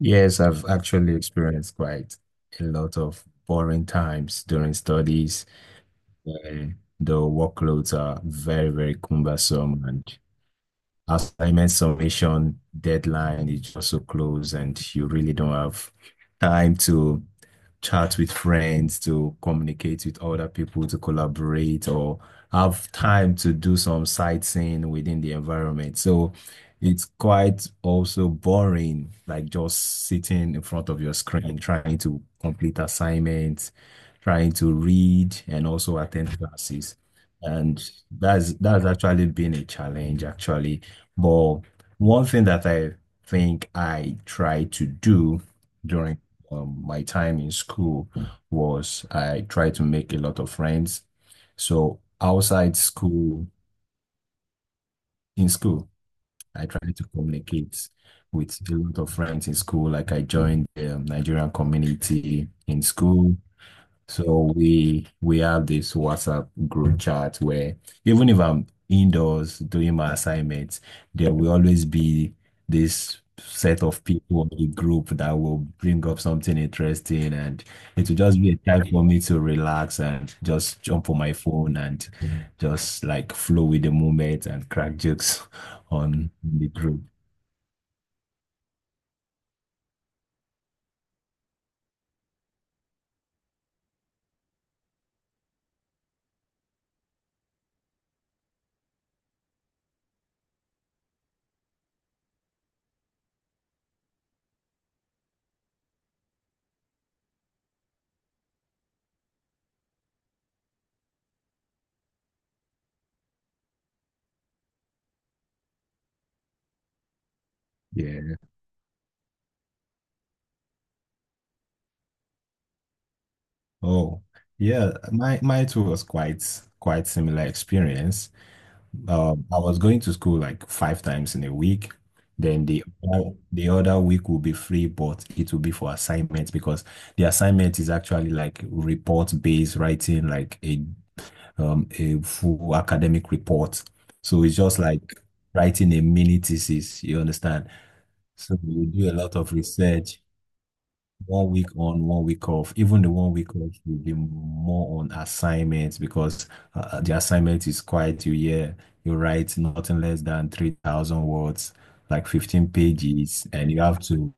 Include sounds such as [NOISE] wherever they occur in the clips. Yes, I've actually experienced quite a lot of boring times during studies where the workloads are very, very cumbersome and assignment submission deadline is just so close and you really don't have time to chat with friends, to communicate with other people, to collaborate, or have time to do some sightseeing within the environment. So it's quite also boring, like just sitting in front of your screen, trying to complete assignments, trying to read, and also attend classes. And that's actually been a challenge, actually. But one thing that I think I try to do during my time in school was I tried to make a lot of friends. So outside school, in school, I tried to communicate with a lot of friends in school. Like I joined the Nigerian community in school. So we have this WhatsApp group chat where even if I'm indoors doing my assignments, there will always be this set of people in the group that will bring up something interesting and it will just be a time for me to relax and just jump on my phone and just like flow with the moment and crack jokes [LAUGHS] on the group. Yeah. Oh, yeah. My too was quite similar experience. I was going to school like five times in a week. Then the other week will be free, but it will be for assignments because the assignment is actually like report-based writing, like a full academic report. So it's just like writing a mini thesis, you understand? So you do a lot of research one week on, one week off. Even the one week off will be more on assignments because the assignment is quite. You write nothing less than 3,000 words, like 15 pages, and you have to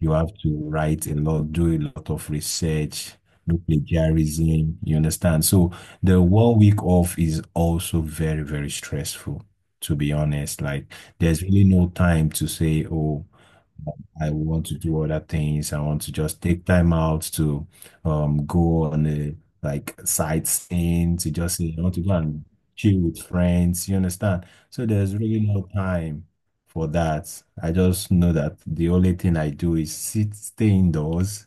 you have to write a lot, do a lot of research, do plagiarism, you understand? So the one week off is also very, very stressful, to be honest. Like there's really no time to say, oh, I want to do other things. I want to just take time out to go on a like sightseeing to just say I want to go and chill with friends. You understand? So there's really no time for that. I just know that the only thing I do is sit, stay indoors.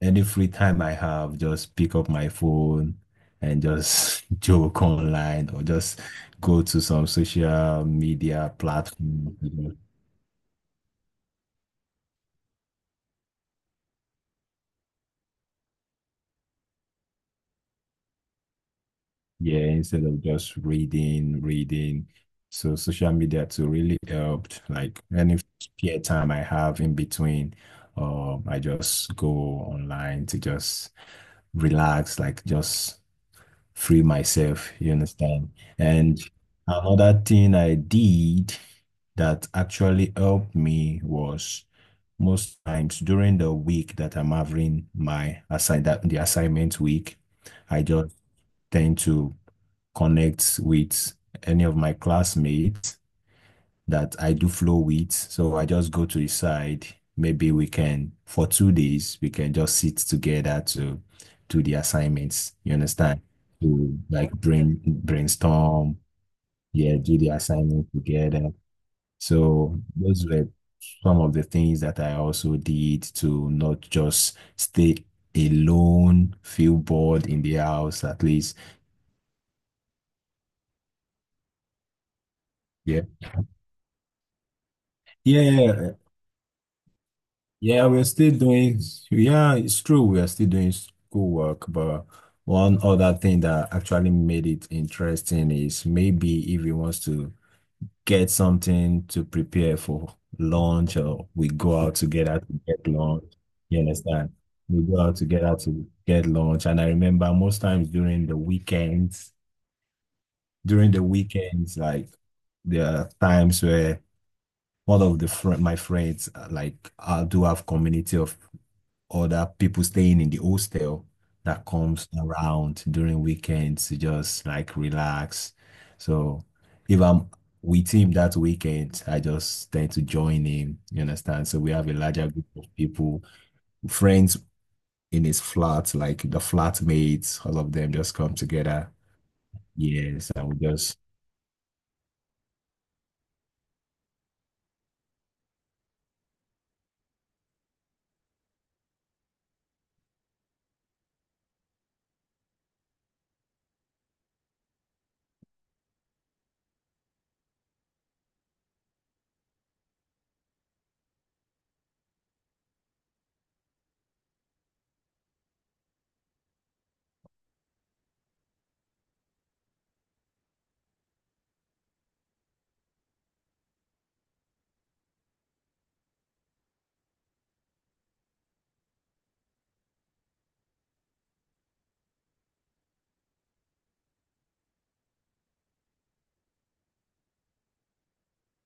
Any free time I have, just pick up my phone and just [LAUGHS] joke online or just go to some social media platform. Yeah, instead of just reading, reading. So social media too really helped. Like any spare time I have in between, I just go online to just relax, like just free myself, you understand? And another thing I did that actually helped me was most times during the week that I'm having my assign that the assignment week, I just tend to connect with any of my classmates that I do flow with. So I just go to the side. Maybe we can, for 2 days, we can just sit together to do the assignments. You understand? To like brainstorm, yeah, do the assignment together. So those were some of the things that I also did to not just stay alone, feel bored in the house at least. Yeah. Yeah, yeah, yeah. Yeah, we're still doing, yeah, it's true. We are still doing schoolwork, but one other thing that actually made it interesting is maybe if he wants to get something to prepare for lunch, or we go out together to get lunch. You understand? We go out together to get lunch. And I remember most times during the weekends, like there are times where one of the fr my friends, like I do have community of other people staying in the hostel that comes around during weekends to just like relax. So if I'm with him that weekend, I just tend to join him. You understand? So we have a larger group of people, friends in his flat, like the flatmates, all of them just come together. Yes, and we just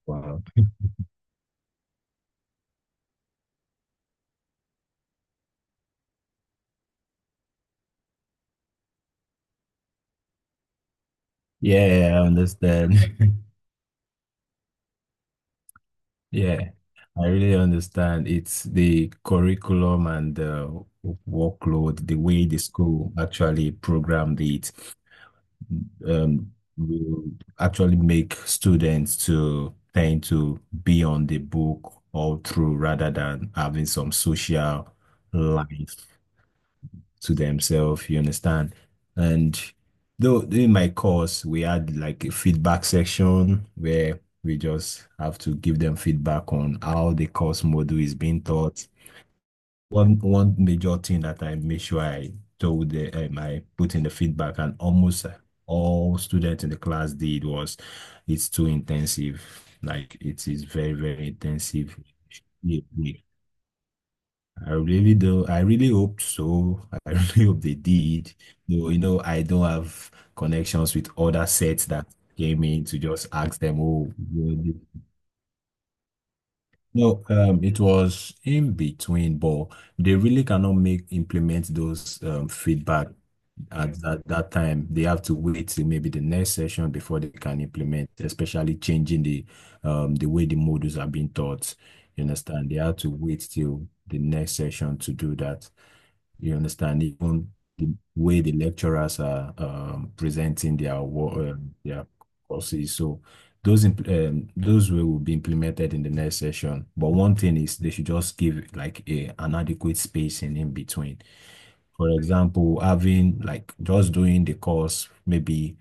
wow. Yeah, I understand. [LAUGHS] Yeah, I really understand. It's the curriculum and the workload, the way the school actually programmed it, um, will actually make students to tend to be on the book all through rather than having some social life to themselves, you understand? And though in my course, we had like a feedback section where we just have to give them feedback on how the course module is being taught. One major thing that I made sure I I put in the feedback and almost all students in the class did was it's too intensive. Like it is very, very intensive. Yeah, yeah. I really do. I really hope so. [LAUGHS] I really hope they did. Though, I don't have connections with other sets that came in to just ask them, oh, no, it was in between, but they really cannot make implement those feedback at that time. They have to wait till maybe the next session before they can implement, especially changing the way the modules are being taught. You understand? They have to wait till the next session to do that. You understand? Even the way the lecturers are presenting their work, their courses. So those way will be implemented in the next session. But one thing is they should just give like a an adequate spacing in between. For example, having like just doing the course, maybe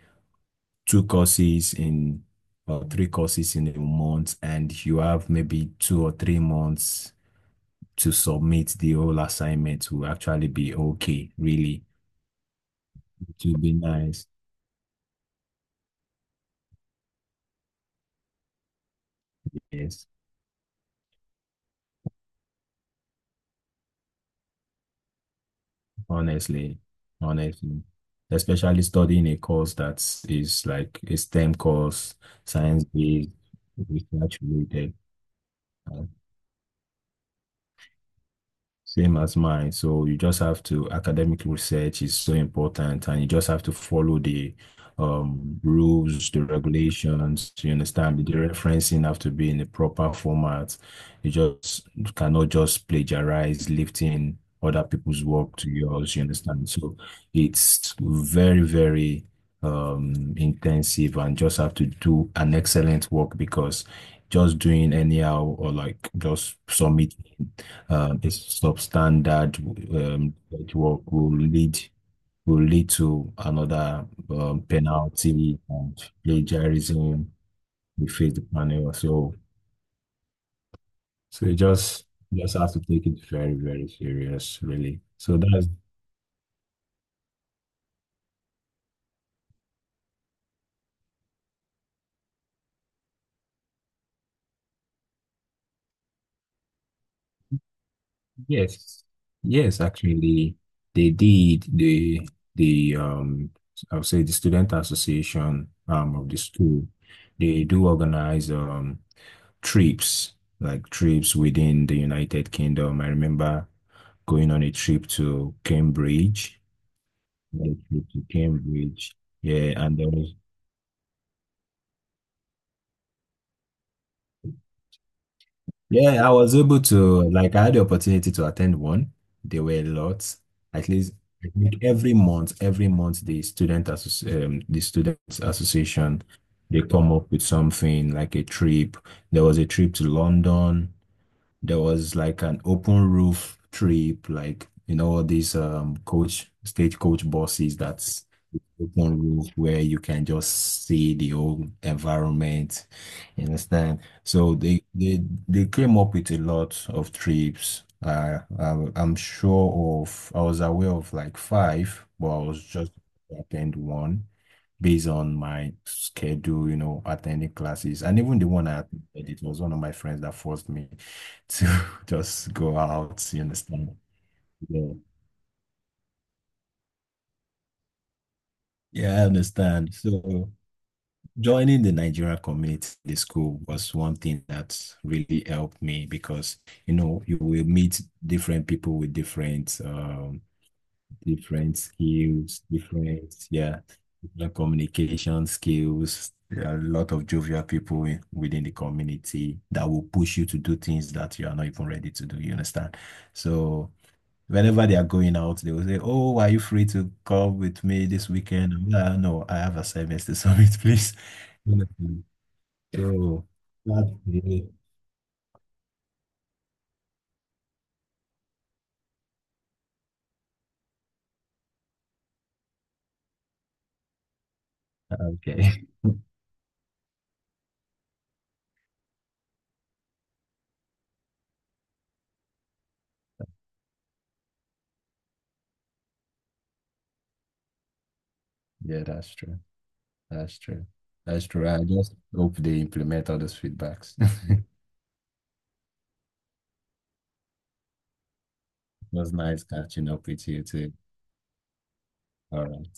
two courses in or three courses in a month, and you have maybe 2 or 3 months to submit the whole assignment will actually be okay, really. To be nice. Yes, honestly, honestly, especially studying a course that is like a STEM course, science-based, research-related. uh, Same as mine. So you just have to, academic research is so important and you just have to follow the rules, the regulations. You understand? The referencing have to be in the proper format. You cannot just plagiarize lifting other people's work to yours. You understand? So it's very, very intensive and just have to do an excellent work because just doing anyhow or like just submit is substandard, that lead will lead to another penalty and plagiarism. We face the panel. So you just have to take it very, very serious, really. So that's Yes, yes, actually, they did. The I'll say the student association of the school, they do organize trips like trips within the United Kingdom. I remember going on a trip to Cambridge, yeah, and there was. Yeah, I was able to, like, I had the opportunity to attend one. There were lots. At least, I think every month, the students association, they come up with something like a trip. There was a trip to London. There was like an open roof trip, like all these coach stagecoach buses that's open roof where you can just see the whole environment. You understand? So they came up with a lot of trips. I'm sure of, I was aware of like five, but I was just attend one based on my schedule, attending classes. And even the one I attended, it was one of my friends that forced me to [LAUGHS] just go out, you understand? Yeah. Yeah, I understand. So joining the Nigerian community, the school was one thing that really helped me because, you will meet different people with different skills, different, yeah the communication skills. There are a lot of jovial people within the community that will push you to do things that you are not even ready to do. You understand? So whenever they are going out, they will say, "Oh, are you free to come with me this weekend?" I'm like, "Ah, no, I have assignments to submit, [LAUGHS] please. You know, So that's the- okay." [LAUGHS] Yeah, that's true. That's true. That's true. I just hope they implement all those feedbacks. [LAUGHS] It was nice catching up with you too. All right.